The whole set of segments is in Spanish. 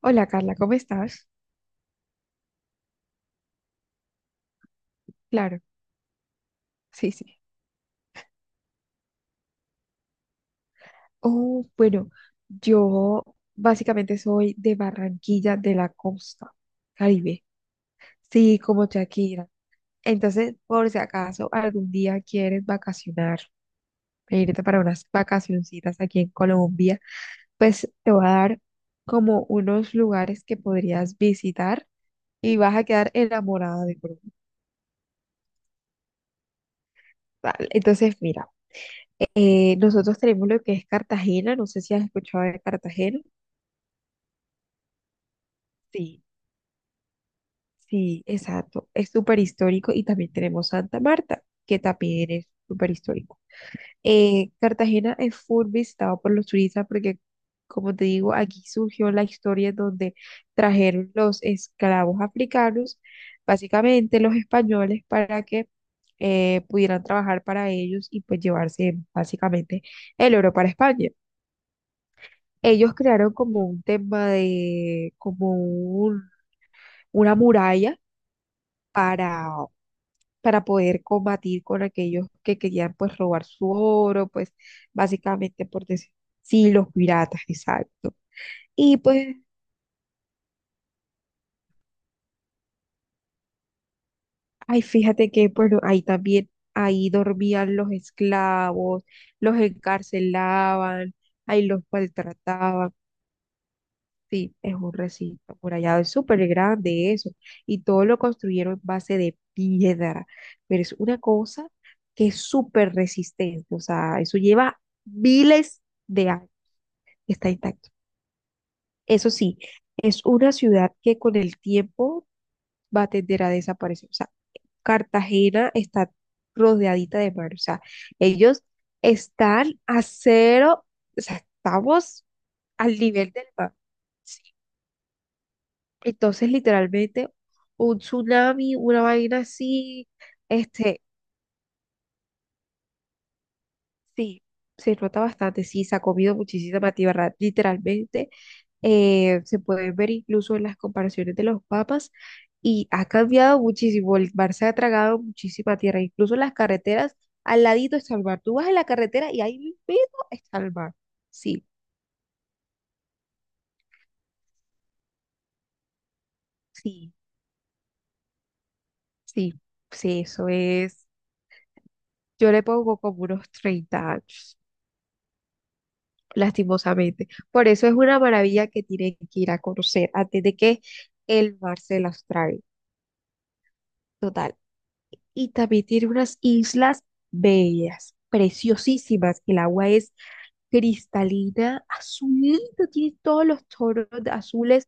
Hola Carla, ¿cómo estás? Claro, sí, sí. Oh, bueno, yo básicamente soy de Barranquilla, de la costa Caribe. Sí, como Shakira. Entonces, por si acaso algún día quieres vacacionar, irte para unas vacacioncitas aquí en Colombia, pues te voy a dar como unos lugares que podrías visitar y vas a quedar enamorada de Colombia. Vale, entonces, mira, nosotros tenemos lo que es Cartagena, no sé si has escuchado de Cartagena. Sí. Sí, exacto. Es súper histórico y también tenemos Santa Marta, que también es súper histórico. Cartagena es full visitado por los turistas porque, como te digo, aquí surgió la historia donde trajeron los esclavos africanos, básicamente los españoles, para que pudieran trabajar para ellos y pues llevarse básicamente el oro para España. Ellos crearon como un tema de, una muralla para para poder combatir con aquellos que querían pues robar su oro, pues básicamente por decir, sí, los piratas, exacto. Y pues, ay, fíjate que pues ahí también, ahí dormían los esclavos, los encarcelaban, ahí los maltrataban. Sí, es un recinto amurallado, es súper grande eso, y todo lo construyeron en base de piedra, pero es una cosa que es súper resistente, o sea, eso lleva miles de años. Está intacto. Eso sí, es una ciudad que con el tiempo va a tender a desaparecer. O sea, Cartagena está rodeadita de mar. O sea, ellos están a cero, o sea, estamos al nivel del mar. ¿Sí? Entonces, literalmente, un tsunami, una vaina así, este, sí, se nota bastante, sí, se ha comido muchísima tierra, literalmente. Se puede ver incluso en las comparaciones de los papas y ha cambiado muchísimo. El mar se ha tragado muchísima tierra, incluso las carreteras, al ladito está el mar. Tú vas en la carretera y ahí mismo está el mar. Sí, sí, sí, sí, eso es. Yo le pongo como unos 30 años, lastimosamente. Por eso es una maravilla que tienen que ir a conocer antes de que el mar se las trague. Total. Y también tiene unas islas bellas, preciosísimas. El agua es cristalina, azulita, tiene todos los tonos de azules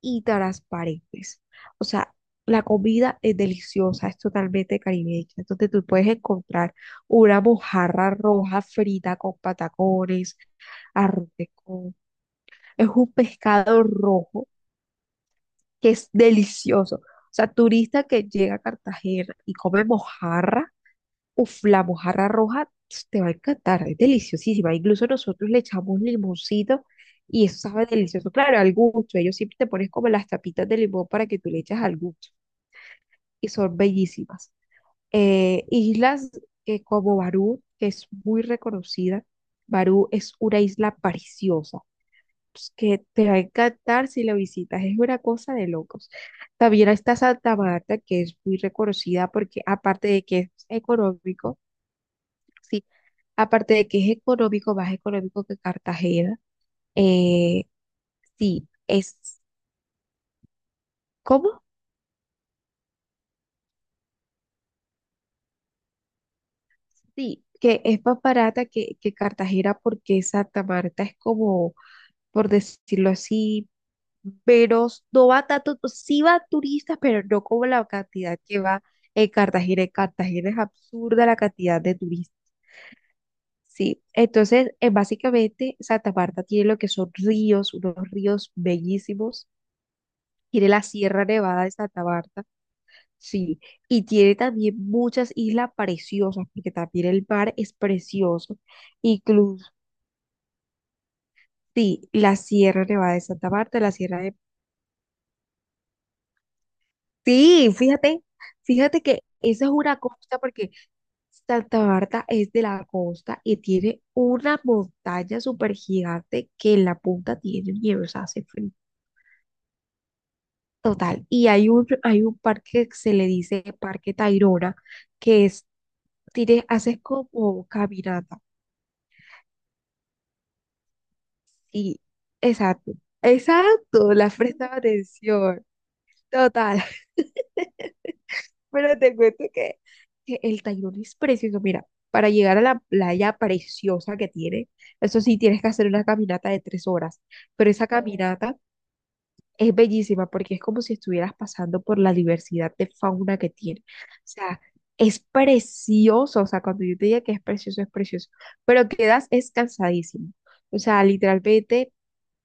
y transparentes. O sea, la comida es deliciosa, es totalmente caribeña. Entonces tú puedes encontrar una mojarra roja frita con patacones, arroz de coco. Es un pescado rojo que es delicioso. O sea, turista que llega a Cartagena y come mojarra. Uf, la mojarra roja ps, te va a encantar, es deliciosísima. Incluso nosotros le echamos limoncito y eso sabe delicioso. Claro, al gusto. Ellos siempre te pones como las tapitas de limón para que tú le eches al gusto. Y son bellísimas. Islas como Barú, que es muy reconocida. Barú es una isla preciosa, pues, que te va a encantar si la visitas. Es una cosa de locos. También está Santa Marta, que es muy reconocida porque aparte de que es económico, sí. Aparte de que es económico, más económico que Cartagena. Eh, sí, es, ¿cómo? Sí, que es más barata que Cartagena porque Santa Marta es como, por decirlo así, menos, no va tanto, sí va turistas, pero no como la cantidad que va en Cartagena. En Cartagena es absurda la cantidad de turistas. Sí, entonces, básicamente Santa Marta tiene lo que son ríos, unos ríos bellísimos. Tiene la Sierra Nevada de Santa Marta. Sí, y tiene también muchas islas preciosas, porque también el mar es precioso. Incluso, sí, la Sierra Nevada de Santa Marta, la Sierra de... Sí, fíjate, fíjate que esa es una costa, porque Santa Marta es de la costa y tiene una montaña súper gigante que en la punta tiene nieve, o sea, hace frío. Total, y hay un parque que se le dice Parque Tayrona, que es, tiene, haces como caminata. Y, exacto, exacto, la presta atención, total. Pero te cuento que el Tayrona es precioso. Mira, para llegar a la playa preciosa que tiene, eso sí, tienes que hacer una caminata de 3 horas, pero esa caminata es bellísima porque es como si estuvieras pasando por la diversidad de fauna que tiene. O sea, es precioso, o sea, cuando yo te diga que es precioso, pero quedas es cansadísimo. O sea, literalmente...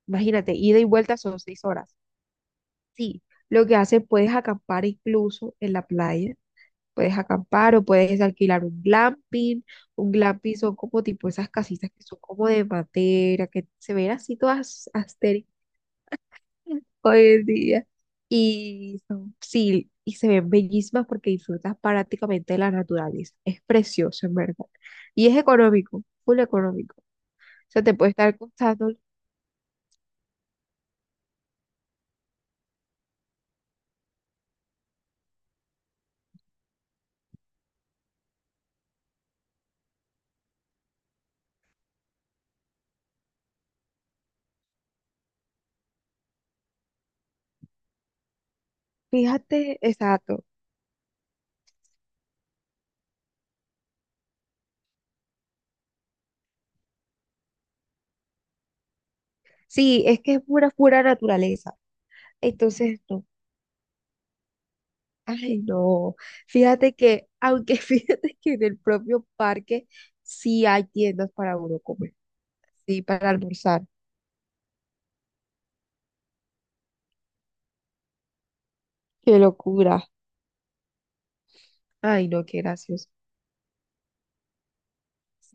Imagínate, ida y vuelta son 6 horas. Sí, lo que hace, puedes acampar incluso en la playa, puedes acampar o puedes alquilar un glamping. Un glamping son como tipo esas casitas que son como de madera, que se ven así todas astéricas hoy en día. Y son, sí, y se ven bellísimas porque disfrutas prácticamente de la naturaleza. Es precioso, en verdad. Y es económico, full económico. O sea, te puede estar costando, fíjate, exacto. Sí, es que es pura, pura naturaleza. Entonces, no. Ay, no. Fíjate que, aunque fíjate que en el propio parque sí hay tiendas para uno comer, sí, para almorzar. Qué locura. Ay, no, qué gracioso.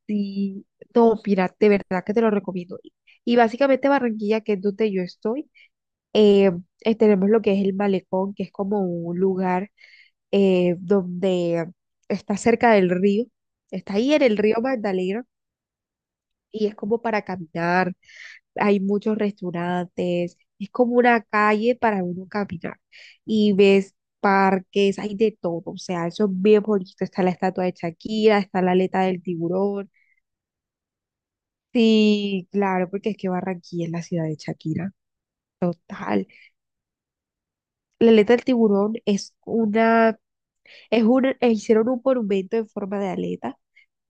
Sí, no, mira, de verdad que te lo recomiendo. Y básicamente Barranquilla, que es donde yo estoy, eh, tenemos lo que es el malecón, que es como un lugar donde está cerca del río. Está ahí en el río Magdalena y es como para caminar, hay muchos restaurantes, es como una calle para uno caminar y ves parques, hay de todo, o sea, eso es bien bonito, está la estatua de Shakira, está la aleta del tiburón, sí, claro, porque es que Barranquilla es la ciudad de Shakira. Tal. La aleta del tiburón es una, es un, hicieron un monumento en forma de aleta.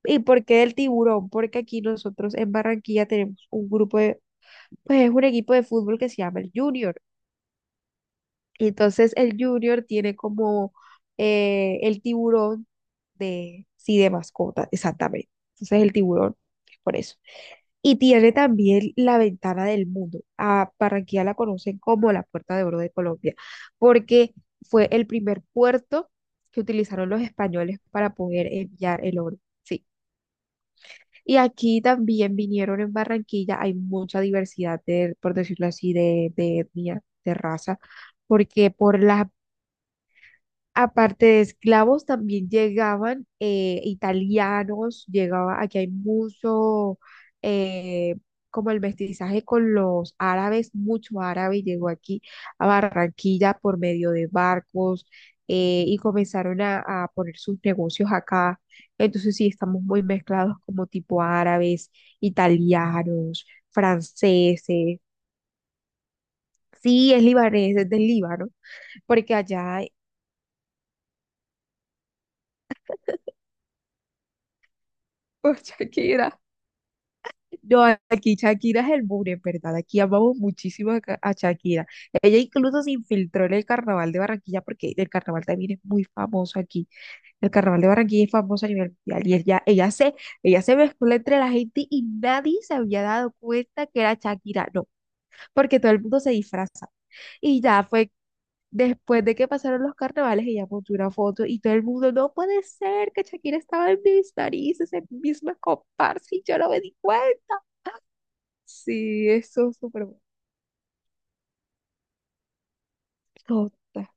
¿Y por qué del tiburón? Porque aquí nosotros en Barranquilla tenemos un grupo de, pues es un equipo de fútbol que se llama el Junior. Y entonces el Junior tiene como el tiburón de, sí, de mascota, exactamente. Entonces el tiburón es por eso. Y tiene también la ventana del mundo. A Barranquilla la conocen como la Puerta de Oro de Colombia, porque fue el primer puerto que utilizaron los españoles para poder enviar el oro. Sí. Y aquí también vinieron en Barranquilla, hay mucha diversidad por decirlo así, de etnia, de raza, porque por las... Aparte de esclavos, también llegaban italianos, llegaba, aquí hay mucho, eh, como el mestizaje con los árabes, mucho árabe llegó aquí a Barranquilla por medio de barcos y comenzaron a poner sus negocios acá. Entonces sí, estamos muy mezclados como tipo árabes, italianos, franceses. Sí, es libanés, es del Líbano, porque allá hay por Shakira. No, aquí Shakira es el muro, en verdad. Aquí amamos muchísimo a, Ca- a Shakira. Ella incluso se infiltró en el carnaval de Barranquilla porque el carnaval también es muy famoso aquí. El carnaval de Barranquilla es famoso a nivel mundial y ella se mezcló entre la gente y nadie se había dado cuenta que era Shakira, no, porque todo el mundo se disfraza. Y ya fue después de que pasaron los carnavales, ella montó una foto y todo el mundo, no puede ser que Shakira estaba en mis narices, en mis misma comparsa y yo no me di cuenta. Sí, eso es súper bonita.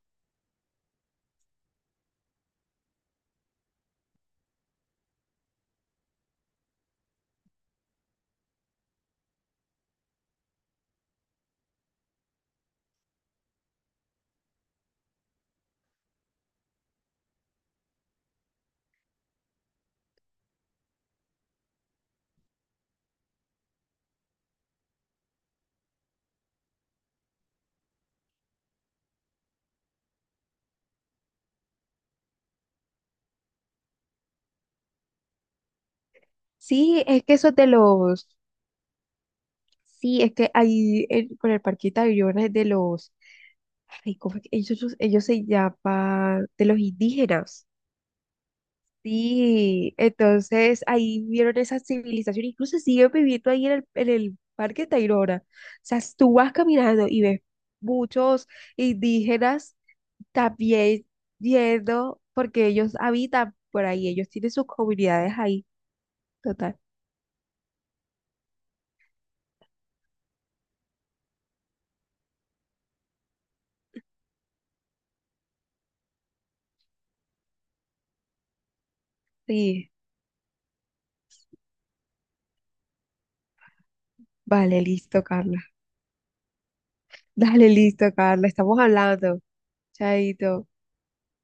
Sí, es que eso es de los. Sí, es que ahí en- con el parquita de Tayrona es de los. Ay, ¿cómo es que ellos se llaman? De los indígenas. Sí, entonces ahí vieron esa civilización, incluso siguen viviendo ahí en el Parque Tayrona. O sea, tú vas caminando y ves muchos indígenas también yendo, porque ellos habitan por ahí, ellos tienen sus comunidades ahí, total. Sí. Vale, listo, Carla. Dale, listo, Carla. Estamos hablando. Chaito.